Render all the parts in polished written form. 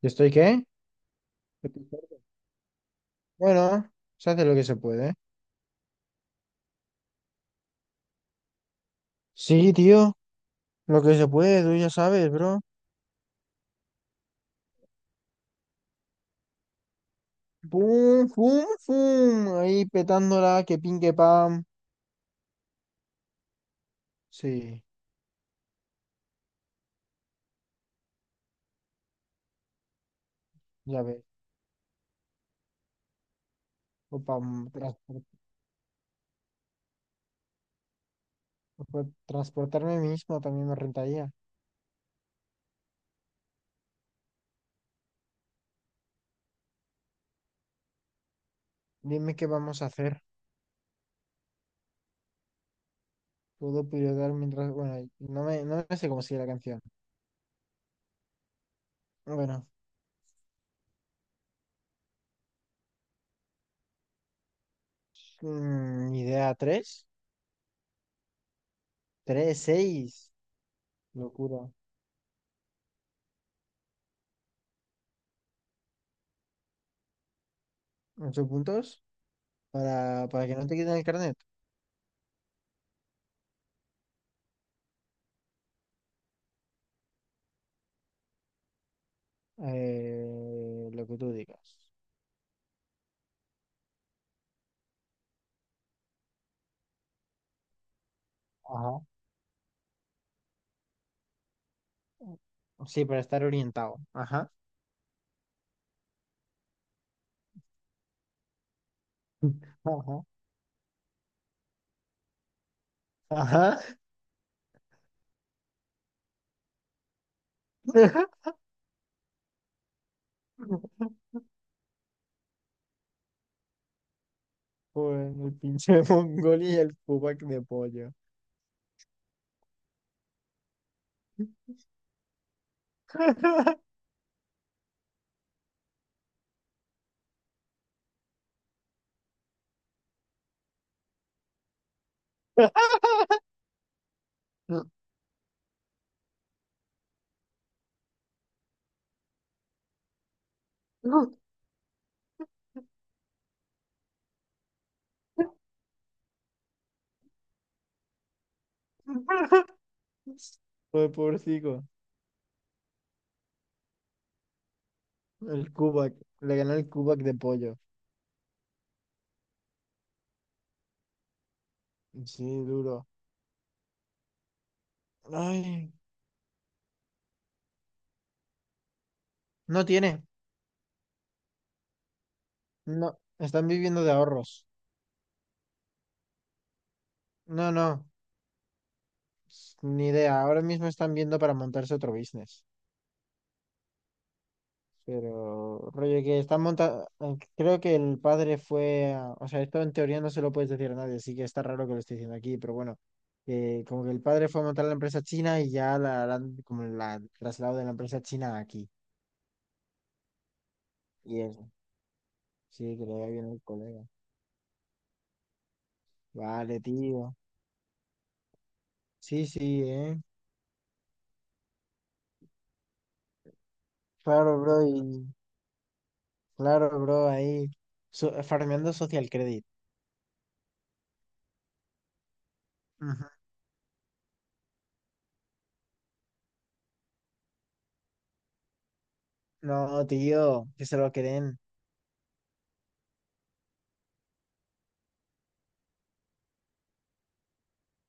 ¿Yo estoy qué? Bueno, se hace lo que se puede. Sí, tío, lo que se puede, tú ya sabes, bro. ¡Pum, pum, pum! Ahí petándola, que pin, que pam. Sí, ya ves. O pam, transpor- o pa- Transportarme mismo también me rentaría. Dime qué vamos a hacer. Puedo pilotar mientras. Bueno, no me sé cómo sigue la canción. Bueno, idea tres, tres, seis. Locura. ¿8 puntos? Para que no te quiten el carnet. Lo que tú digas. Ajá. Sí, para estar orientado. Ajá. Ajá. Ajá. Joder, el pinche mongol y el pupac de pollo. Joder, pobrecito. El Kubak. Le ganó el Kubak de pollo. Sí, duro. Ay. No tiene. No. Están viviendo de ahorros. No, no. Ni idea. Ahora mismo están viendo para montarse otro business. Pero, rollo que está montado, creo que el padre fue, o sea, esto en teoría no se lo puedes decir a nadie, así que está raro que lo esté diciendo aquí, pero bueno, como que el padre fue a montar la empresa china y ya como la han trasladado de la empresa china aquí. Y eso, sí, que le vaya bien el colega. Vale, tío. Sí, sí, eh. Claro, bro, y claro, bro, ahí, farmeando social credit. Ujú. No, tío, que se lo creen.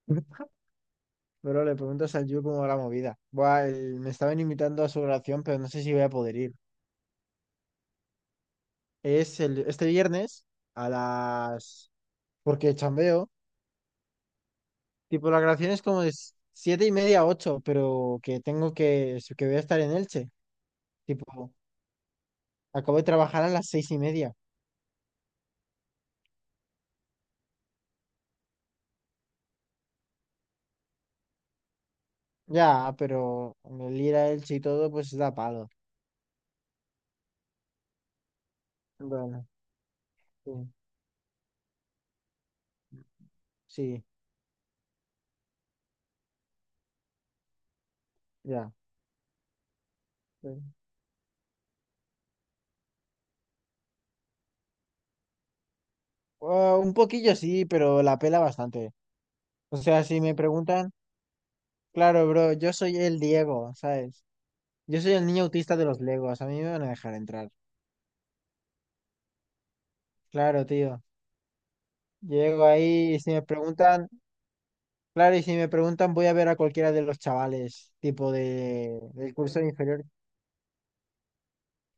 Pero le pregunto a Sanju cómo va la movida. Buah, me estaban invitando a su oración, pero no sé si voy a poder ir. Es este viernes a las. Porque chambeo. Tipo, la grabación es como de 7:30 a 8:00, pero que tengo que voy a estar en Elche. Tipo, acabo de trabajar a las 6:30. Ya, pero el ir a Elche y todo, pues da palo. Bueno, sí, sí, ya. Sí. Ah, un poquillo sí, pero la pela bastante. O sea, si me preguntan... Claro, bro, yo soy el Diego, ¿sabes? Yo soy el niño autista de los Legos, a mí me van a dejar entrar. Claro, tío. Llego ahí y si me preguntan, claro, y si me preguntan voy a ver a cualquiera de los chavales, tipo de del curso inferior.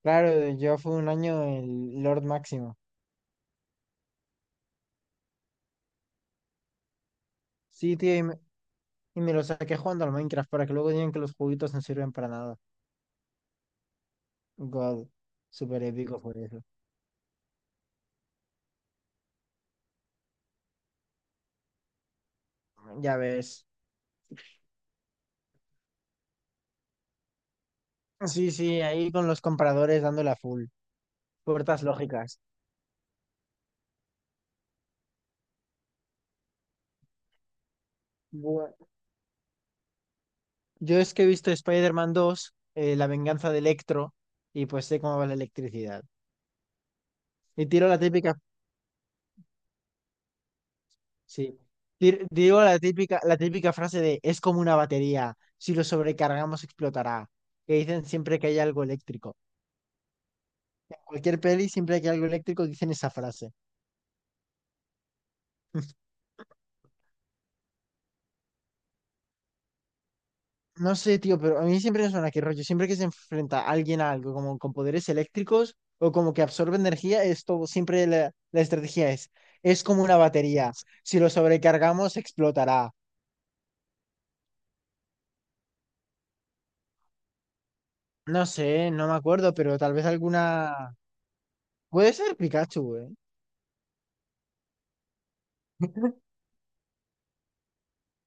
Claro, yo fui un año el Lord Máximo. Sí, tío, y me lo saqué jugando al Minecraft para que luego digan que los juguitos no sirven para nada. God, súper épico por eso. Ya ves. Sí, sí, ahí con los compradores dándole a full. Puertas lógicas. Yo es que he visto Spider-Man 2, La venganza de Electro, y pues sé cómo va la electricidad. Y tiro la típica, sí, digo la típica frase de es como una batería, si lo sobrecargamos explotará, que dicen siempre que hay algo eléctrico. En cualquier peli, siempre que hay algo eléctrico, dicen esa frase. No sé, tío, pero a mí siempre me suena que rollo, siempre que se enfrenta alguien a algo, como con poderes eléctricos o como que absorbe energía, esto siempre la estrategia es como una batería, si lo sobrecargamos explotará. No sé, no me acuerdo, pero tal vez alguna. Puede ser Pikachu, güey.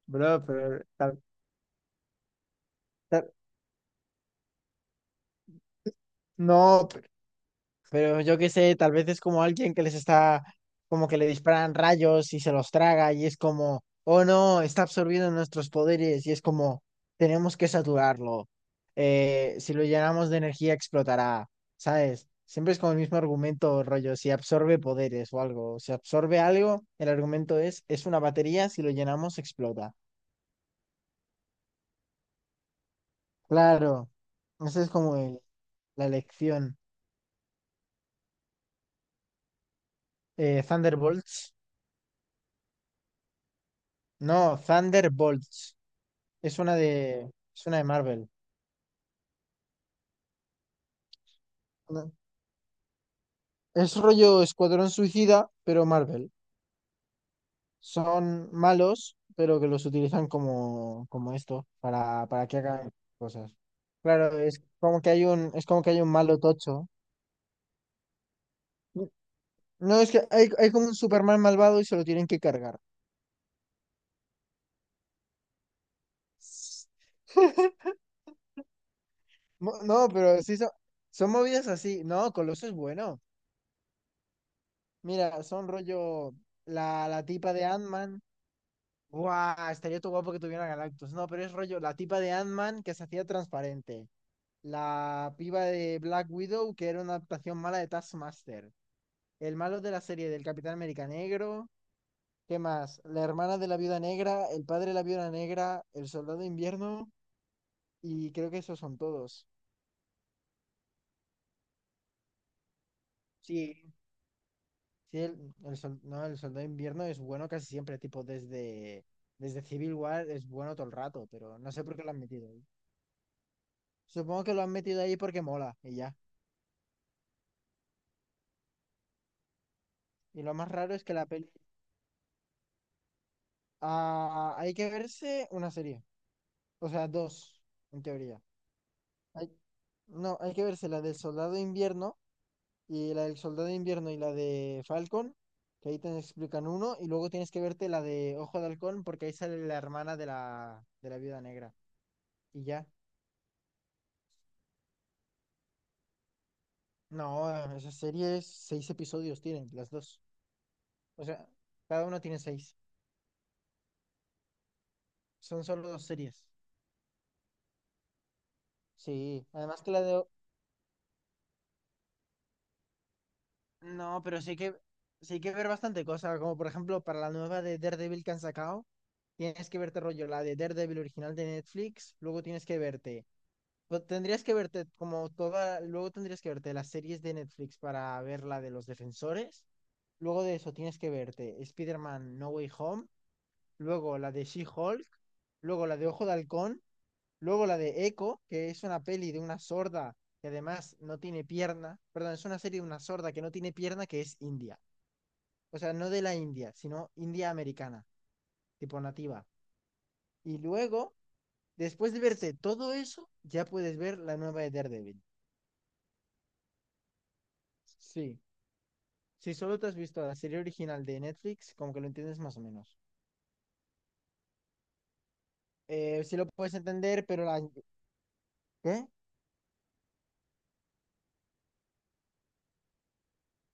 Bro, pero. Tal- No, pero yo qué sé, tal vez es como alguien que les está, como que le disparan rayos y se los traga y es como, oh no, está absorbiendo nuestros poderes y es como, tenemos que saturarlo. Si lo llenamos de energía explotará, ¿sabes? Siempre es como el mismo argumento, rollo, si absorbe poderes o algo, si absorbe algo, el argumento es una batería, si lo llenamos explota. Claro, esa es como la lección. Thunderbolts. No, Thunderbolts. Es una de, es una de Marvel. Una- Es rollo Escuadrón Suicida, pero Marvel. Son malos, pero que los utilizan como, como esto, para que hagan cosas. Claro, es como que hay un, es como que hay un malo tocho. No, es que hay como un Superman malvado y se lo tienen que cargar. No, pero sí son, son movidas así. No, Coloso es bueno. Mira, son rollo la, la tipa de Ant-Man. Guau, estaría todo guapo que tuviera Galactus. No, pero es rollo, la tipa de Ant-Man que se hacía transparente. La piba de Black Widow que era una adaptación mala de Taskmaster. El malo de la serie del Capitán América Negro. ¿Qué más? La hermana de la Viuda Negra, el padre de la Viuda Negra, el Soldado de Invierno y creo que esos son todos. Sí. Sí, el, no, el Soldado de Invierno es bueno casi siempre, tipo desde, desde Civil War es bueno todo el rato, pero no sé por qué lo han metido ahí. Supongo que lo han metido ahí porque mola y ya. Y lo más raro es que la peli... Ah, hay que verse una serie. O sea, dos, en teoría. Hay- No, hay que verse la del Soldado de Invierno y la del Soldado de Invierno y la de Falcon, que ahí te explican uno, y luego tienes que verte la de Ojo de Halcón porque ahí sale la hermana de la Viuda Negra. Y ya. No, esas series, seis episodios tienen, las dos. O sea, cada uno tiene seis. Son solo dos series. Sí, además que la de... No, pero sí que sí hay que ver bastante cosas, como por ejemplo para la nueva de Daredevil que han sacado, tienes que verte rollo la de Daredevil original de Netflix, luego tienes que verte, pues, tendrías que verte como toda, luego tendrías que verte las series de Netflix para ver la de los Defensores, luego de eso tienes que verte Spider-Man No Way Home, luego la de She-Hulk, luego la de Ojo de Halcón, luego la de Echo, que es una peli de una sorda que además no tiene pierna, perdón, es una serie de una sorda que no tiene pierna que es india, o sea, no de la India, sino India americana, tipo nativa. Y luego, después de verte todo eso, ya puedes ver la nueva de Daredevil. Sí, si solo te has visto la serie original de Netflix, como que lo entiendes más o menos. Sí lo puedes entender, pero la... ¿Qué?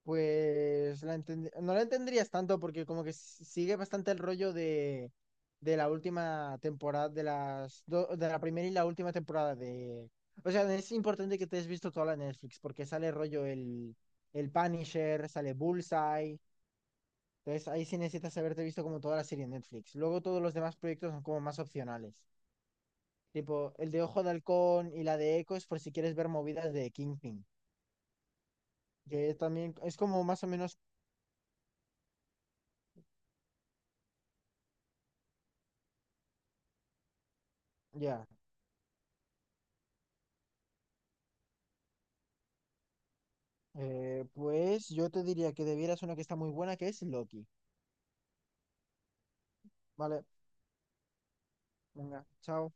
Pues la no la entenderías tanto porque como que sigue bastante el rollo de la última temporada, de las de la primera y la última temporada de... O sea, es importante que te hayas visto toda la Netflix porque sale rollo el Punisher, sale Bullseye. Entonces ahí sí necesitas haberte visto como toda la serie en Netflix. Luego todos los demás proyectos son como más opcionales. Tipo, el de Ojo de Halcón y la de Echo es por si quieres ver movidas de Kingpin. Que también es como más o menos, ya. Pues yo te diría que debieras una que está muy buena, que es Loki. Vale, venga, chao.